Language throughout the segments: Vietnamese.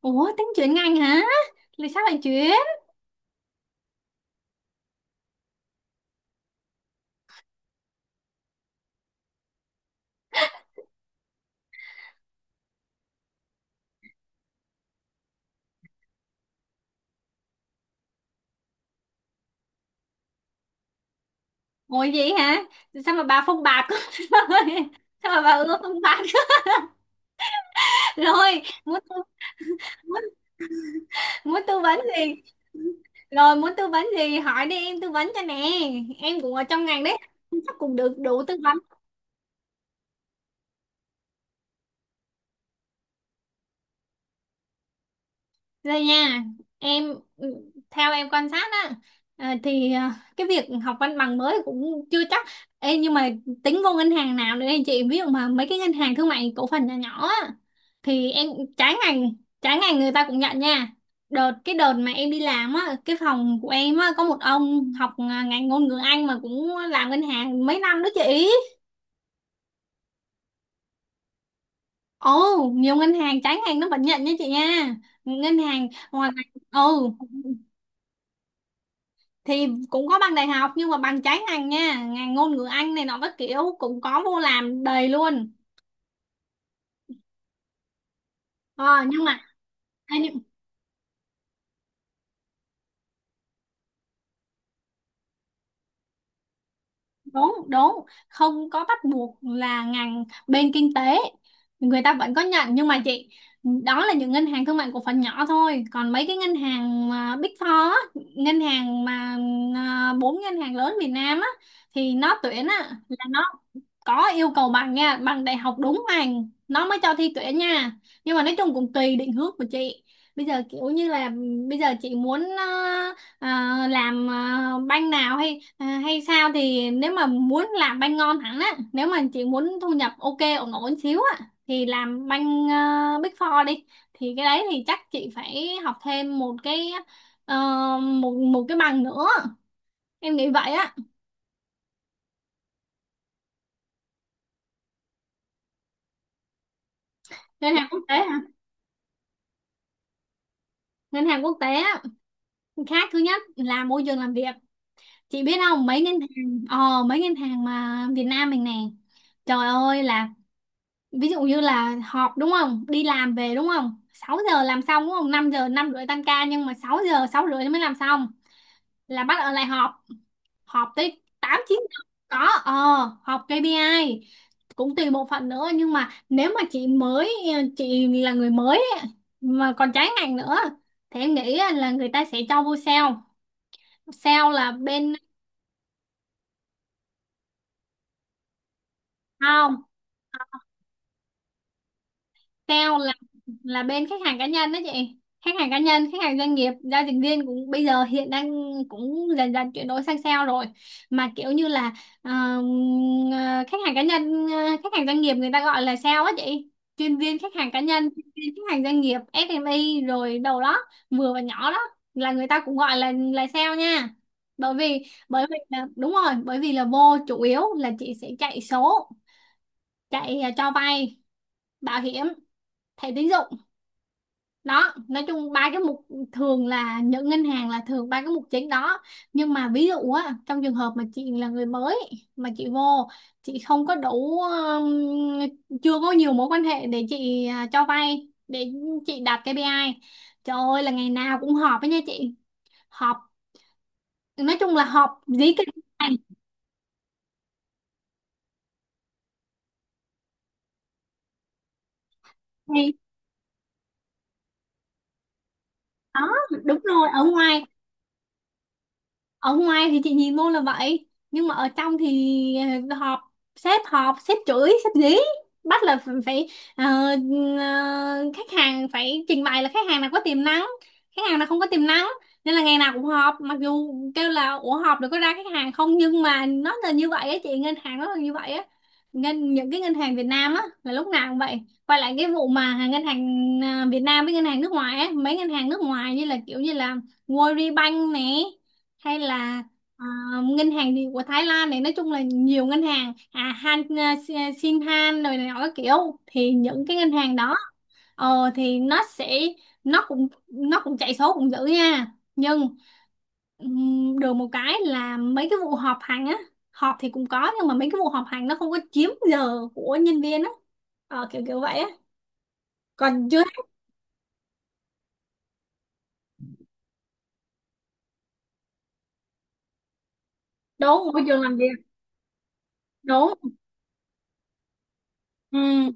Ủa tính chuyển ngành hả? Là sao bạn chuyển? Ngồi vậy hả? Sao mà bà phong bạc rồi? Sao mà bà ưa phong bạc rồi? Muốn muốn tư vấn gì? Rồi muốn tư vấn gì hỏi đi, em tư vấn cho nè. Em cũng ở trong ngành đấy, chắc cũng được đủ tư vấn. Đây nha, em theo em quan sát á, cái việc học văn bằng mới cũng chưa chắc. Ê, nhưng mà tính vô ngân hàng nào nữa đây chị, ví dụ mà mấy cái ngân hàng thương mại cổ phần nhỏ nhỏ á thì em, trái ngành trái ngành người ta cũng nhận nha. Cái đợt mà em đi làm á, cái phòng của em á có một ông học ngành ngôn ngữ Anh mà cũng làm ngân hàng mấy năm đó chị. Ồ, nhiều ngân hàng trái ngành nó vẫn nhận nha chị nha. Ngân hàng ngoài ngành, ừ, thì cũng có bằng đại học nhưng mà bằng trái ngành nha, ngành ngôn ngữ Anh này nó các kiểu cũng có vô làm đầy luôn. Ờ, nhưng mà thế nhưng- đúng, không có bắt buộc là ngành bên kinh tế, người ta vẫn có nhận nhưng mà chị, đó là những ngân hàng thương mại cổ phần nhỏ thôi. Còn mấy cái ngân hàng mà Big Four á, ngân hàng mà bốn ngân hàng lớn Việt Nam á, thì nó tuyển á là nó có yêu cầu bằng nha, bằng đại học, đúng bằng nó mới cho thi tuyển nha. Nhưng mà nói chung cũng tùy định hướng của chị. Bây giờ kiểu như là bây giờ chị muốn ờ, làm banh nào hay hay sao, thì nếu mà muốn làm banh ngon hẳn á, nếu mà chị muốn thu nhập ok ổn ổn xíu á thì làm banh Big Four đi, thì cái đấy thì chắc chị phải học thêm một cái, ờ, một một cái bằng nữa, em nghĩ vậy á. Ngân hàng quốc tế hả? Ngân hàng quốc tế á, khác thứ nhất là môi trường làm việc. Chị biết không, mấy ngân hàng mấy ngân hàng mà Việt Nam mình nè, trời ơi là, ví dụ như là họp, đúng không, đi làm về, đúng không, 6 giờ làm xong, đúng không, 5 giờ 5 rưỡi tan ca nhưng mà 6 giờ 6 rưỡi mới làm xong, là bắt ở lại họp, họp tới 8 9 giờ. Có, ờ, họp KPI, cũng tùy bộ phận nữa. Nhưng mà nếu mà chị mới, chị là người mới ấy, mà còn trái ngành nữa, thì em nghĩ là người ta sẽ cho vô sale. Sale là bên không sale là là bên khách hàng cá nhân đó chị. Khách hàng cá nhân, khách hàng doanh nghiệp, giao dịch viên cũng bây giờ hiện đang cũng dần dần chuyển đổi sang sale rồi. Mà kiểu như là ờ, ờ, khách hàng cá nhân, khách hàng doanh nghiệp người ta gọi là sale á chị, chuyên viên khách hàng cá nhân, chuyên viên khách hàng doanh nghiệp SME rồi đầu đó, vừa và nhỏ đó, là người ta cũng gọi là sale nha. Bởi vì bởi vì là đúng rồi, bởi vì là vô chủ yếu là chị sẽ chạy số, chạy cho vay, bảo hiểm, thẻ tín dụng đó, nói chung ba cái mục, thường là những ngân hàng là thường ba cái mục chính đó. Nhưng mà ví dụ á, trong trường hợp mà chị là người mới mà chị vô, chị không có đủ chưa có nhiều mối quan hệ để chị cho vay để chị đạt KPI, trời ơi là ngày nào cũng họp với nha chị. Họp, nói chung là họp dí cái này thì đó, đúng rồi. Ở ngoài thì chị nhìn luôn là vậy, nhưng mà ở trong thì họp, sếp họp, sếp chửi, sếp dí, bắt là phải ờ, khách hàng phải trình bày là khách hàng nào có tiềm năng, khách hàng nào không có tiềm năng, nên là ngày nào cũng họp. Mặc dù kêu là, ủa họp được có ra khách hàng không, nhưng mà nó là như vậy á chị, ngân hàng nó là như vậy á. Những cái ngân hàng Việt Nam á là lúc nào cũng vậy. Quay lại cái vụ mà ngân hàng Việt Nam với ngân hàng nước ngoài á, mấy ngân hàng nước ngoài như là World Bank nè, hay là à, ngân hàng thì của Thái Lan này, nói chung là nhiều ngân hàng. À Han Shinhan rồi này nọ các kiểu, thì những cái ngân hàng đó thì nó sẽ nó cũng chạy số cũng dữ nha, nhưng được một cái là mấy cái vụ họp hành á, họp thì cũng có nhưng mà mấy cái vụ họp hành nó không có chiếm giờ của nhân viên á, kiểu kiểu vậy á. Còn chưa, đúng, môi trường làm việc, đúng, ừ.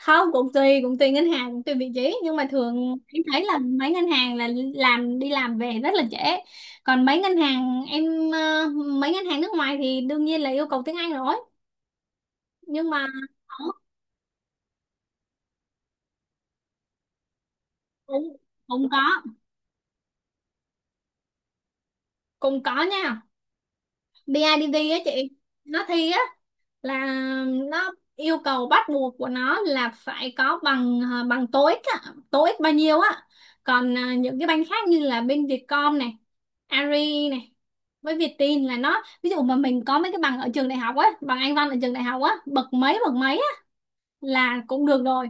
Không, cũng tùy, cũng tùy ngân hàng, cũng tùy vị trí, nhưng mà thường em thấy là mấy ngân hàng là làm đi làm về rất là trễ. Còn mấy ngân hàng em ờ, mấy ngân hàng nước ngoài thì đương nhiên là yêu cầu tiếng Anh rồi. Nhưng mà cũng cũng có, cũng có nha. Bê I BIDV á chị, nó thi á, là nó yêu cầu bắt buộc của nó là phải có bằng bằng TOEIC á, TOEIC bao nhiêu á. Còn à, những cái banh khác như là bên Vietcom này, Ari này, với Vietin là nó, ví dụ mà mình có mấy cái bằng ở trường đại học á, bằng Anh văn ở trường đại học á, bậc mấy á, là cũng được rồi.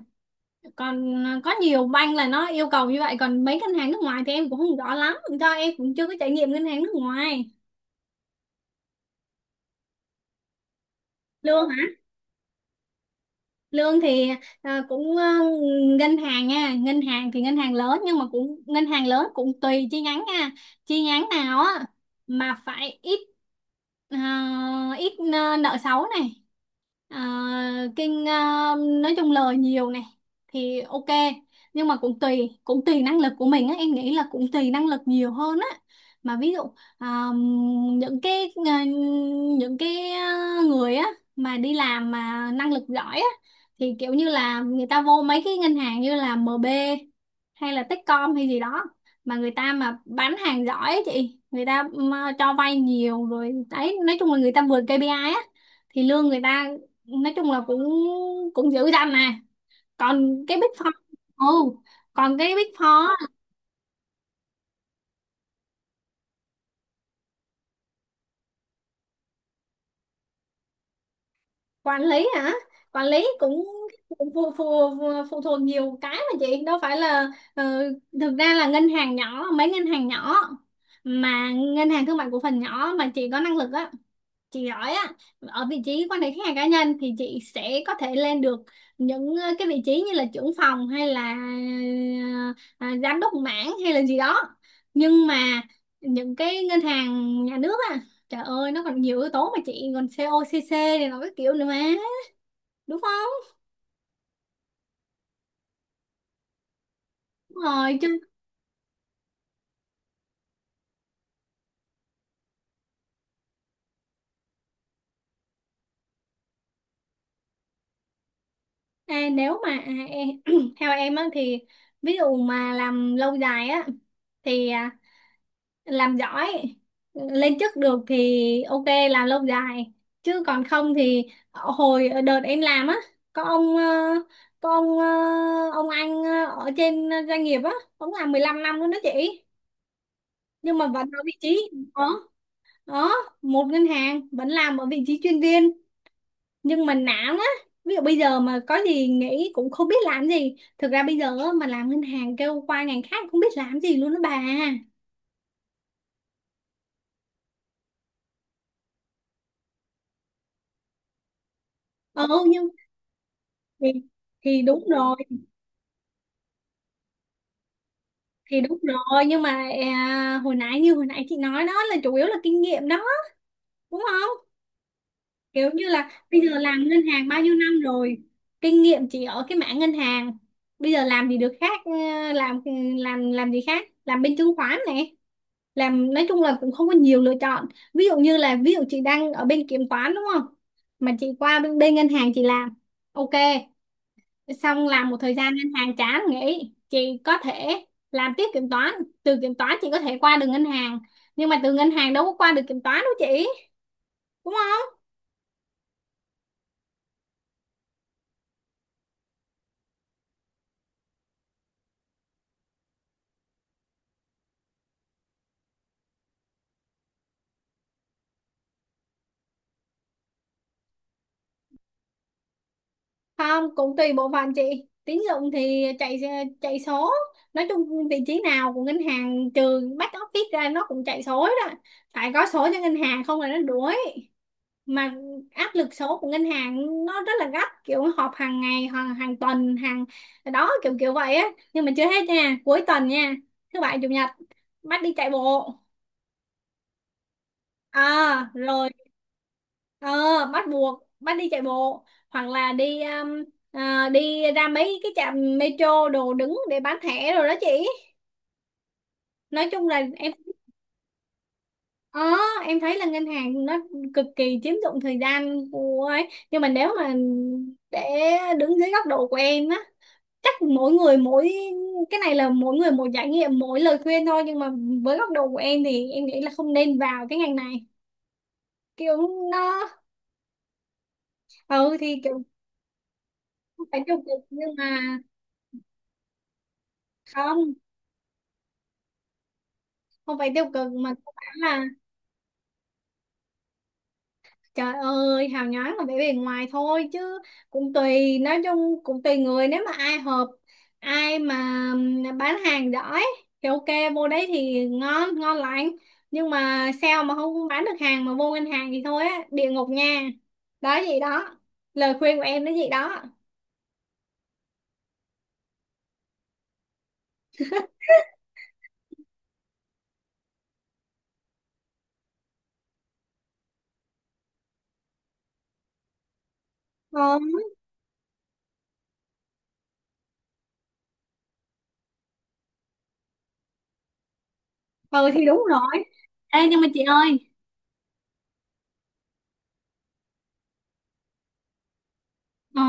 Còn à, có nhiều banh là nó yêu cầu như vậy. Còn mấy ngân hàng nước ngoài thì em cũng không rõ lắm, do em cũng chưa có trải nghiệm ngân hàng nước ngoài. Lương lương thì à, cũng à, ngân hàng nha, ngân hàng thì ngân hàng lớn, nhưng mà cũng ngân hàng lớn cũng tùy chi nhánh nha, chi nhánh nào á mà phải ít ít nợ xấu này, À, kinh à, nói chung lời nhiều này thì ok. Nhưng mà cũng tùy, cũng tùy năng lực của mình á, em nghĩ là cũng tùy năng lực nhiều hơn á. Mà ví dụ à, những cái à, người á mà đi làm mà năng lực giỏi á, thì kiểu như là người ta vô mấy cái ngân hàng như là MB hay là Techcom hay gì đó, mà người ta mà bán hàng giỏi á chị, người ta mà cho vay nhiều rồi đấy, nói chung là người ta vượt KPI á thì lương người ta nói chung là cũng cũng dữ dằn nè. Còn cái Big Four, ừ, còn cái Big Four á, quản lý hả? Quản lý cũng phụ, phụ, phụ, phụ thuộc nhiều cái mà chị, đâu phải là ờ, thực ra là ngân hàng nhỏ, mấy ngân hàng nhỏ mà ngân hàng thương mại cổ phần nhỏ mà chị có năng lực á, chị giỏi á, ở vị trí quan hệ khách hàng cá nhân thì chị sẽ có thể lên được những cái vị trí như là trưởng phòng, hay là giám đốc mảng hay là gì đó. Nhưng mà những cái ngân hàng nhà nước á, trời ơi nó còn nhiều yếu tố mà chị, còn COCC này nó cái kiểu nữa mà, đúng không? Đúng rồi chứ. À, nếu mà à, em, theo em á thì, ví dụ mà làm lâu dài á thì làm giỏi, lên chức được thì ok, làm lâu dài. Chứ còn không thì hồi đợt em làm á, có ông có ông ờ, ông anh ở trên doanh nghiệp á, ông làm 15 năm luôn đó chị, nhưng mà vẫn ở vị trí ở, ở một ngân hàng vẫn làm ở vị trí chuyên viên, nhưng mà nản á. Ví dụ bây giờ mà có gì nghĩ cũng không biết làm gì, thực ra bây giờ á, mà làm ngân hàng kêu qua ngành khác cũng biết làm gì luôn đó bà. Ừ nhưng, thì thì đúng rồi, thì đúng rồi nhưng mà hồi nãy chị nói đó là chủ yếu là kinh nghiệm đó, đúng không? Kiểu như là bây giờ làm ngân hàng bao nhiêu năm rồi, kinh nghiệm chỉ ở cái mảng ngân hàng, bây giờ làm gì được khác? Ờ, làm làm gì khác, làm bên chứng khoán này, làm, nói chung là cũng không có nhiều lựa chọn. Ví dụ như là, ví dụ chị đang ở bên kiểm toán, đúng không, mà chị qua bên ngân hàng chị làm ok, xong làm một thời gian ngân hàng chán nghỉ, chị có thể làm tiếp kiểm toán. Từ kiểm toán chị có thể qua được ngân hàng, nhưng mà từ ngân hàng đâu có qua được kiểm toán đâu chị, đúng không? Không, cũng tùy bộ phận chị. Tín dụng thì chạy, chạy số, nói chung vị trí nào của ngân hàng trừ back office ra nó cũng chạy số đó, phải có số cho ngân hàng không là nó đuối. Mà áp lực số của ngân hàng nó rất là gấp, kiểu họp hàng ngày, hàng hàng tuần, hàng, đó, kiểu kiểu vậy á. Nhưng mà chưa hết nha, cuối tuần nha, thứ bảy chủ nhật bắt đi chạy bộ. À rồi, ờ, bắt buộc, bắt đi chạy bộ, hoặc là đi đi ra mấy cái trạm metro đồ đứng để bán thẻ rồi đó chị. Nói chung là em, ờ, em thấy là ngân hàng nó cực kỳ chiếm dụng thời gian của ấy. Nhưng mà nếu mà, để đứng dưới góc độ của em á, chắc mỗi người mỗi, cái này là mỗi người một trải nghiệm, mỗi lời khuyên thôi, nhưng mà với góc độ của em thì em nghĩ là không nên vào cái ngành này. Kiểu nó, ừ thì kiểu, không phải tiêu cực nhưng mà, không, không phải tiêu cực mà các bạn là, trời ơi, hào nhoáng là vẻ bề ngoài thôi chứ. Cũng tùy, nói chung cũng tùy người, nếu mà ai hợp, ai mà bán hàng giỏi thì ok, vô đấy thì ngon, ngon lành. Nhưng mà sao mà không bán được hàng mà vô ngân hàng thì thôi á, địa ngục nha. Đó vậy đó. Lời khuyên của em nó vậy đó. Không. Ừ thì đúng rồi. Ê nhưng mà chị ơi, ờ,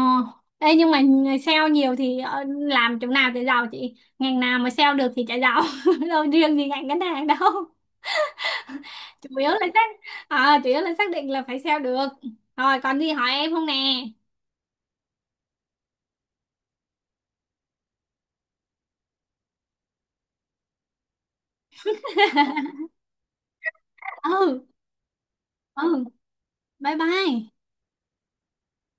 ê nhưng mà sale nhiều thì ờ, làm chỗ nào để giàu chị? Ngành nào mà sale được thì chả giàu. Đâu riêng gì ngành ngân hàng đâu. chủ yếu là xác Chủ yếu là xác định là phải sale được. Rồi còn gì hỏi em không nè? Ừ. Ừ. Bye bye.